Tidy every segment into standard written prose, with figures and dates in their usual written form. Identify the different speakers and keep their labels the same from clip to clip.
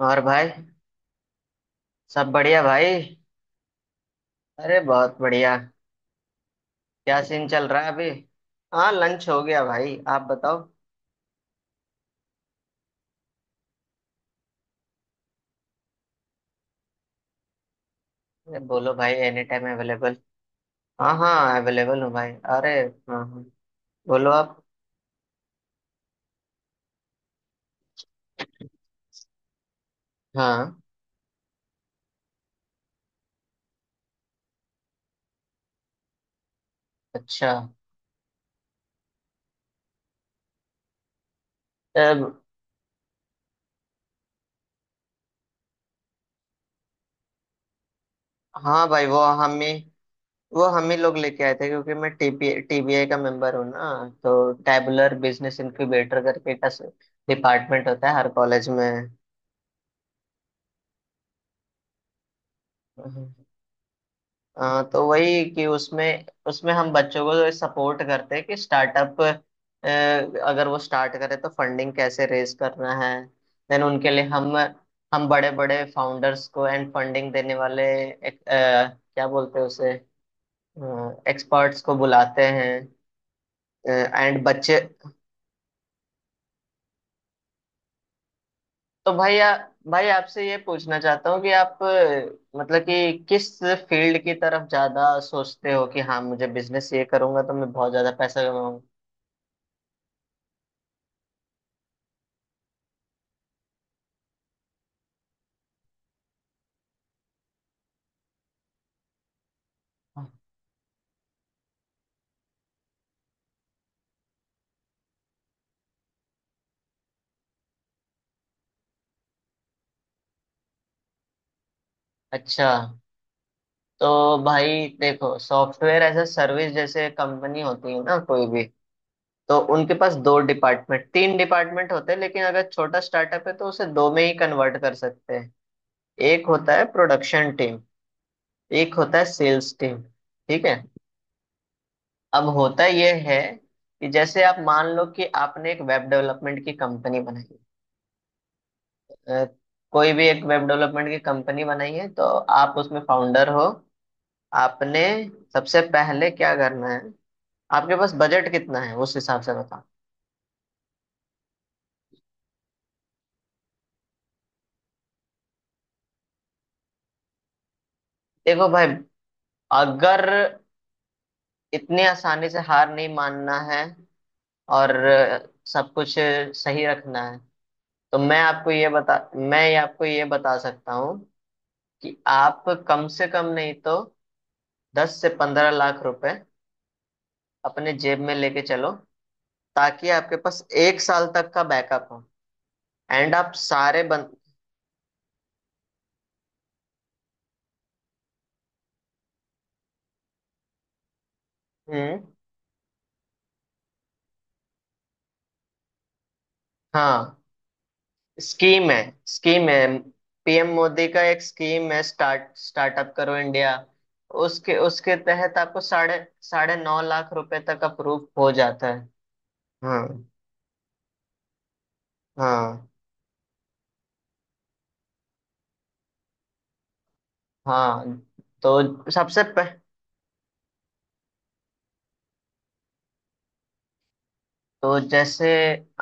Speaker 1: और भाई, सब बढ़िया भाई। अरे बहुत बढ़िया। क्या सीन चल रहा है अभी? हाँ, लंच हो गया भाई, आप बताओ। अरे बोलो भाई, एनी टाइम अवेलेबल। हाँ हाँ, अवेलेबल हूँ भाई, अरे। हाँ हाँ, बोलो आप। हाँ। अच्छा। अब, हाँ भाई वो हम ही। वो हम ही लोग लेके आए थे क्योंकि मैं टीपी टीबीआई का मेंबर हूँ ना। तो टैबुलर बिजनेस इनक्यूबेटर करके का डिपार्टमेंट होता है हर कॉलेज में। तो वही कि उसमें उसमें हम बच्चों को सपोर्ट करते हैं कि स्टार्टअप अगर वो स्टार्ट करे तो फंडिंग कैसे रेज करना है। देन उनके लिए हम बड़े बड़े फाउंडर्स को एंड फंडिंग देने वाले क्या बोलते हैं उसे, एक्सपर्ट्स को बुलाते हैं। एंड बच्चे। तो भाई आ, भाई आपसे ये पूछना चाहता हूँ कि मतलब कि किस फील्ड की तरफ ज्यादा सोचते हो कि हाँ मुझे बिजनेस ये करूंगा तो मैं बहुत ज्यादा पैसा कमाऊंगा। अच्छा। तो भाई देखो, सॉफ्टवेयर एज अ सर्विस जैसे कंपनी होती है ना कोई भी, तो उनके पास दो डिपार्टमेंट तीन डिपार्टमेंट होते हैं, लेकिन अगर छोटा स्टार्टअप है तो उसे दो में ही कन्वर्ट कर सकते हैं। एक होता है प्रोडक्शन टीम, एक होता है सेल्स टीम। ठीक है। अब होता यह है कि जैसे आप मान लो कि आपने एक वेब डेवलपमेंट की कंपनी बनाई। अ, कोई भी एक वेब डेवलपमेंट की कंपनी बनाई है तो आप उसमें फाउंडर हो। आपने सबसे पहले क्या करना है, आपके पास बजट कितना है उस हिसाब से बताओ। देखो भाई, अगर इतने आसानी से हार नहीं मानना है और सब कुछ सही रखना है, तो मैं ये आपको ये बता सकता हूँ कि आप कम से कम नहीं तो 10 से 15 लाख रुपए अपने जेब में लेके चलो, ताकि आपके पास 1 साल तक का बैकअप हो। एंड आप सारे बन। हम्म। हाँ स्कीम है, स्कीम है। पीएम मोदी का एक स्कीम है, स्टार्ट स्टार्टअप करो इंडिया। उसके उसके तहत आपको साढ़े 9.5 लाख रुपए तक अप्रूव हो जाता है। हाँ हाँ। हाँ। तो सबसे पह, तो जैसे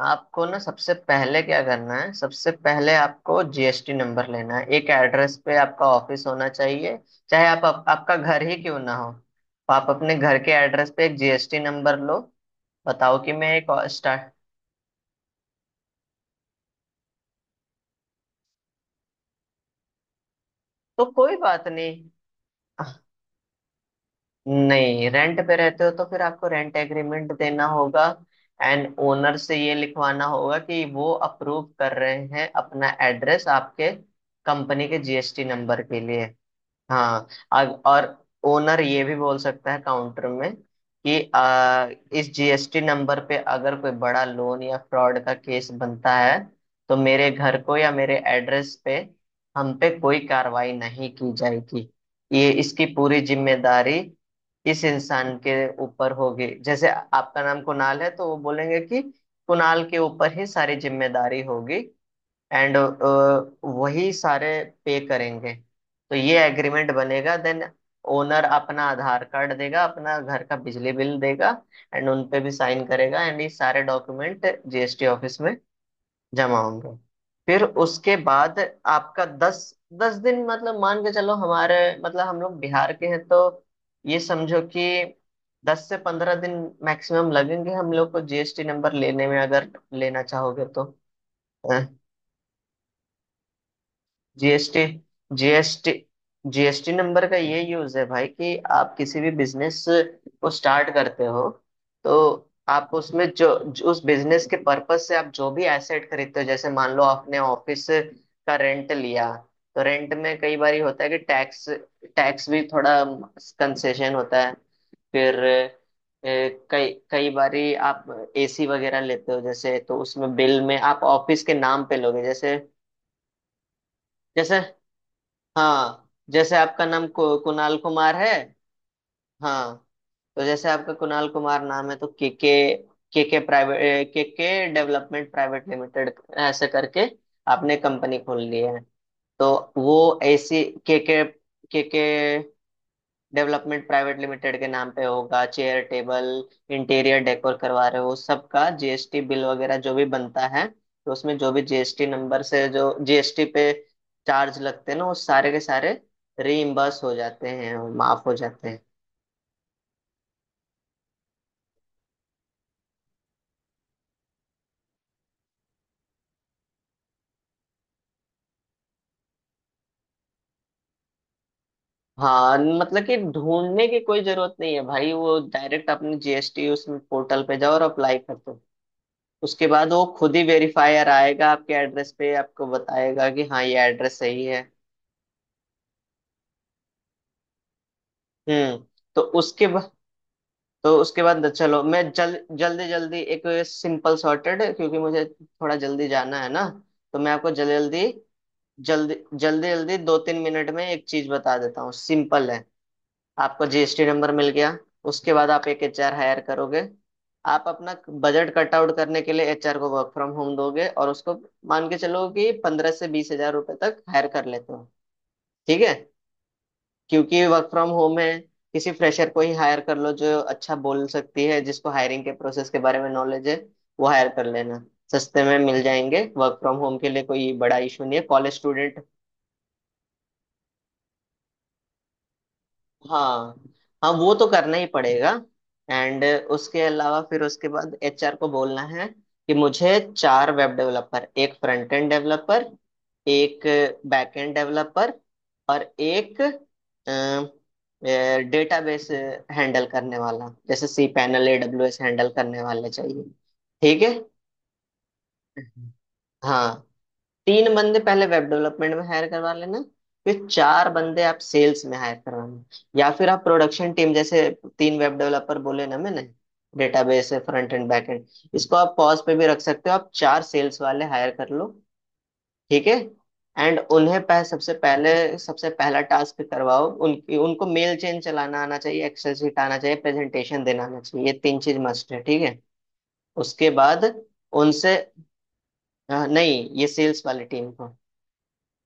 Speaker 1: आपको ना, सबसे पहले क्या करना है, सबसे पहले आपको जीएसटी नंबर लेना है। एक एड्रेस पे आपका ऑफिस होना चाहिए, चाहे आप आपका घर ही क्यों ना हो। आप अपने घर के एड्रेस पे एक जीएसटी नंबर लो। बताओ कि मैं एक और स्टार्ट। तो कोई बात नहीं। आह, नहीं, रेंट पे रहते हो तो फिर आपको रेंट एग्रीमेंट देना होगा एंड ओनर से ये लिखवाना होगा कि वो अप्रूव कर रहे हैं अपना एड्रेस आपके कंपनी के जीएसटी नंबर के लिए। हाँ। और ओनर ये भी बोल सकता है काउंटर में कि इस जीएसटी नंबर पे अगर कोई बड़ा लोन या फ्रॉड का केस बनता है, तो मेरे घर को या मेरे एड्रेस पे हम पे कोई कार्रवाई नहीं की जाएगी। ये इसकी पूरी जिम्मेदारी इस इंसान के ऊपर होगी। जैसे आपका नाम कुणाल है तो वो बोलेंगे कि कुणाल के ऊपर ही सारी जिम्मेदारी होगी एंड वही सारे पे करेंगे। तो ये एग्रीमेंट बनेगा। देन ओनर अपना आधार कार्ड देगा, अपना घर का बिजली बिल देगा एंड उन पे भी साइन करेगा एंड ये सारे डॉक्यूमेंट जीएसटी ऑफिस में जमा होंगे। फिर उसके बाद आपका दस, 10 दिन, मतलब मान के चलो, हमारे मतलब हम लोग बिहार के हैं तो ये समझो कि 10 से 15 दिन मैक्सिमम लगेंगे हम लोग को जीएसटी नंबर लेने में, अगर लेना चाहोगे तो। जीएसटी जीएसटी जीएसटी नंबर का ये यूज है भाई कि आप किसी भी बिजनेस को स्टार्ट करते हो तो आप उसमें जो उस बिजनेस के पर्पज से आप जो भी एसेट खरीदते हो, जैसे मान लो आपने ऑफिस का रेंट लिया तो रेंट में कई बार होता है कि टैक्स टैक्स भी थोड़ा कंसेशन होता है। फिर कई कई बारी आप एसी वगैरह लेते हो जैसे, तो उसमें बिल में आप ऑफिस के नाम पे लोगे। जैसे जैसे, हाँ, जैसे आपका नाम कुणाल कुमार है, हाँ, तो जैसे आपका कुणाल कुमार नाम है तो के, के प्राइवेट के डेवलपमेंट प्राइवेट लिमिटेड ऐसे करके आपने कंपनी खोल ली है तो वो ऐसी K K development private limited के नाम पे होगा। चेयर टेबल इंटीरियर डेकोर करवा रहे हो, उस सब का जीएसटी बिल वगैरह जो भी बनता है तो उसमें जो भी जीएसटी नंबर से जो जीएसटी पे चार्ज लगते हैं ना, वो सारे के सारे रीइम्बर्स हो जाते हैं, माफ हो जाते हैं। हाँ, मतलब कि ढूंढने की कोई जरूरत नहीं है भाई। वो डायरेक्ट अपने जीएसटी उसमें पोर्टल पे जाओ और अप्लाई कर दो। उसके बाद वो खुद ही वेरीफायर आएगा आपके एड्रेस पे, आपको बताएगा कि हाँ ये एड्रेस सही है। हम्म। तो उसके बाद, चलो, मैं जल जल्दी जल्दी एक सिंपल सॉर्टेड, क्योंकि मुझे थोड़ा जल्दी जाना है ना, तो मैं आपको जल्दी जल्दी, जल्दी, जल्दी जल्दी 2-3 मिनट में एक चीज बता देता हूँ, सिंपल है। आपको जीएसटी नंबर मिल गया, उसके बाद आप एक एचआर हायर करोगे। आप अपना बजट कट आउट करने के लिए एचआर को वर्क फ्रॉम होम दोगे और उसको मान के चलो कि 15 से 20 हजार रुपए तक हायर कर लेते हो। ठीक है, क्योंकि वर्क फ्रॉम होम है। किसी फ्रेशर को ही हायर कर लो जो अच्छा बोल सकती है, जिसको हायरिंग के प्रोसेस के बारे में नॉलेज है, वो हायर कर लेना। सस्ते में मिल जाएंगे, वर्क फ्रॉम होम के लिए कोई बड़ा इशू नहीं है, कॉलेज स्टूडेंट। हाँ हाँ, वो तो करना ही पड़ेगा। एंड उसके अलावा फिर उसके बाद एचआर को बोलना है कि मुझे 4 वेब डेवलपर, एक फ्रंट एंड डेवलपर, एक बैक एंड डेवलपर और एक डेटाबेस हैंडल करने वाला, जैसे सी पैनल एडब्ल्यूएस हैंडल करने वाले चाहिए। ठीक है। हम्म। हाँ, 3 बंदे पहले वेब डेवलपमेंट में हायर करवा लेना, फिर 4 बंदे आप सेल्स में हायर करवाना। या फिर आप प्रोडक्शन टीम, जैसे 3 वेब डेवलपर बोले ना मैंने, डेटाबेस है, फ्रंट एंड, बैक एंड, इसको आप पॉज पे भी रख सकते हो, आप 4 सेल्स वाले हायर कर लो। ठीक है। एंड सबसे पहले, सबसे पहला टास्क करवाओ उनकी, उनको मेल चेन चलाना आना चाहिए, एक्सेल शीट आना चाहिए, प्रेजेंटेशन देना आना चाहिए, ये 3 चीज मस्ट है। ठीक है। उसके बाद उनसे नहीं, ये सेल्स वाली टीम को।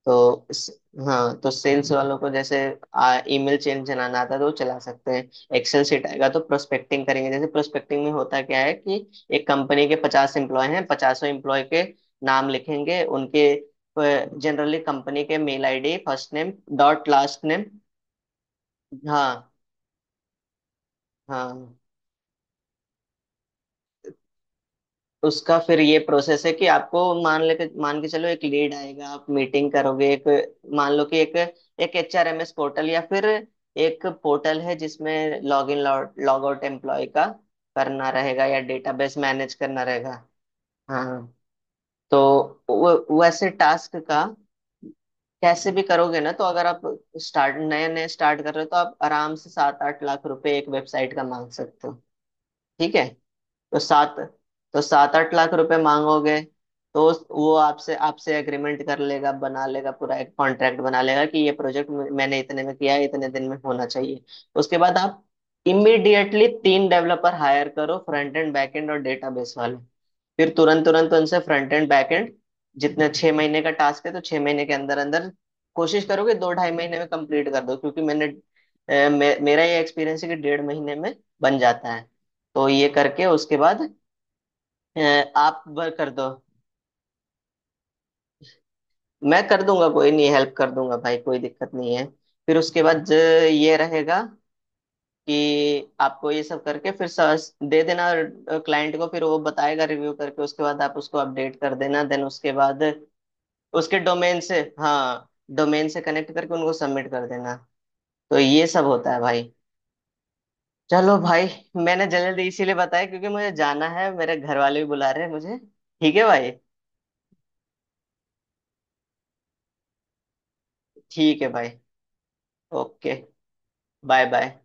Speaker 1: तो इस- हाँ, तो सेल्स वालों को जैसे ईमेल चेन चलाना आता है तो वो चला सकते हैं। एक्सेल सीट आएगा तो प्रोस्पेक्टिंग करेंगे, जैसे प्रोस्पेक्टिंग में होता क्या है कि एक कंपनी के 50 एम्प्लॉय हैं, पचासों एम्प्लॉय के नाम लिखेंगे, उनके जनरली कंपनी के mail ID, first name dot last name. हाँ। हाँ। उसका फिर ये प्रोसेस है कि आपको मान के चलो एक लीड आएगा, आप मीटिंग करोगे, एक, मान लो कि एक एक HRMS पोर्टल या फिर एक पोर्टल है जिसमें log in log out employee का करना रहेगा या डेटाबेस मैनेज करना रहेगा। हाँ हाँ। तो वो, वैसे टास्क का कैसे भी करोगे ना, तो अगर आप स्टार्ट नए नए स्टार्ट कर रहे हो तो आप आराम से 7-8 लाख रुपए एक वेबसाइट का मांग सकते हो। ठीक है। तो सात तो 7-8 लाख रुपए मांगोगे तो वो आपसे आपसे एग्रीमेंट कर लेगा, बना लेगा, पूरा एक कॉन्ट्रैक्ट बना लेगा कि ये प्रोजेक्ट मैंने इतने में किया है, इतने दिन में होना चाहिए। उसके बाद आप इमीडिएटली 3 डेवलपर हायर करो, फ्रंट एंड बैक एंड और डेटाबेस वाले। फिर तुरंत तुरंत उनसे फ्रंट एंड बैक एंड, जितने 6 महीने का टास्क है तो 6 महीने के अंदर अंदर कोशिश करोगे 2-2.5 महीने में कंप्लीट कर दो, क्योंकि मैंने मेरा ये एक्सपीरियंस है कि 1.5 महीने में बन जाता है। तो ये करके उसके बाद हैं, आप बर कर दो, मैं कर दूंगा, कोई नहीं, हेल्प कर दूंगा भाई, कोई दिक्कत नहीं है। फिर उसके बाद ये रहेगा कि आपको ये सब करके फिर सर्च दे देना क्लाइंट को। फिर वो बताएगा, रिव्यू करके उसके बाद आप उसको अपडेट कर देना। देन उसके बाद उसके डोमेन से, हाँ, डोमेन से कनेक्ट करके उनको सबमिट कर देना। तो ये सब होता है भाई। चलो भाई, मैंने जल्दी इसीलिए बताया क्योंकि मुझे जाना है, मेरे घर वाले भी बुला रहे हैं मुझे। ठीक है भाई। ठीक है भाई। ओके। Bye bye.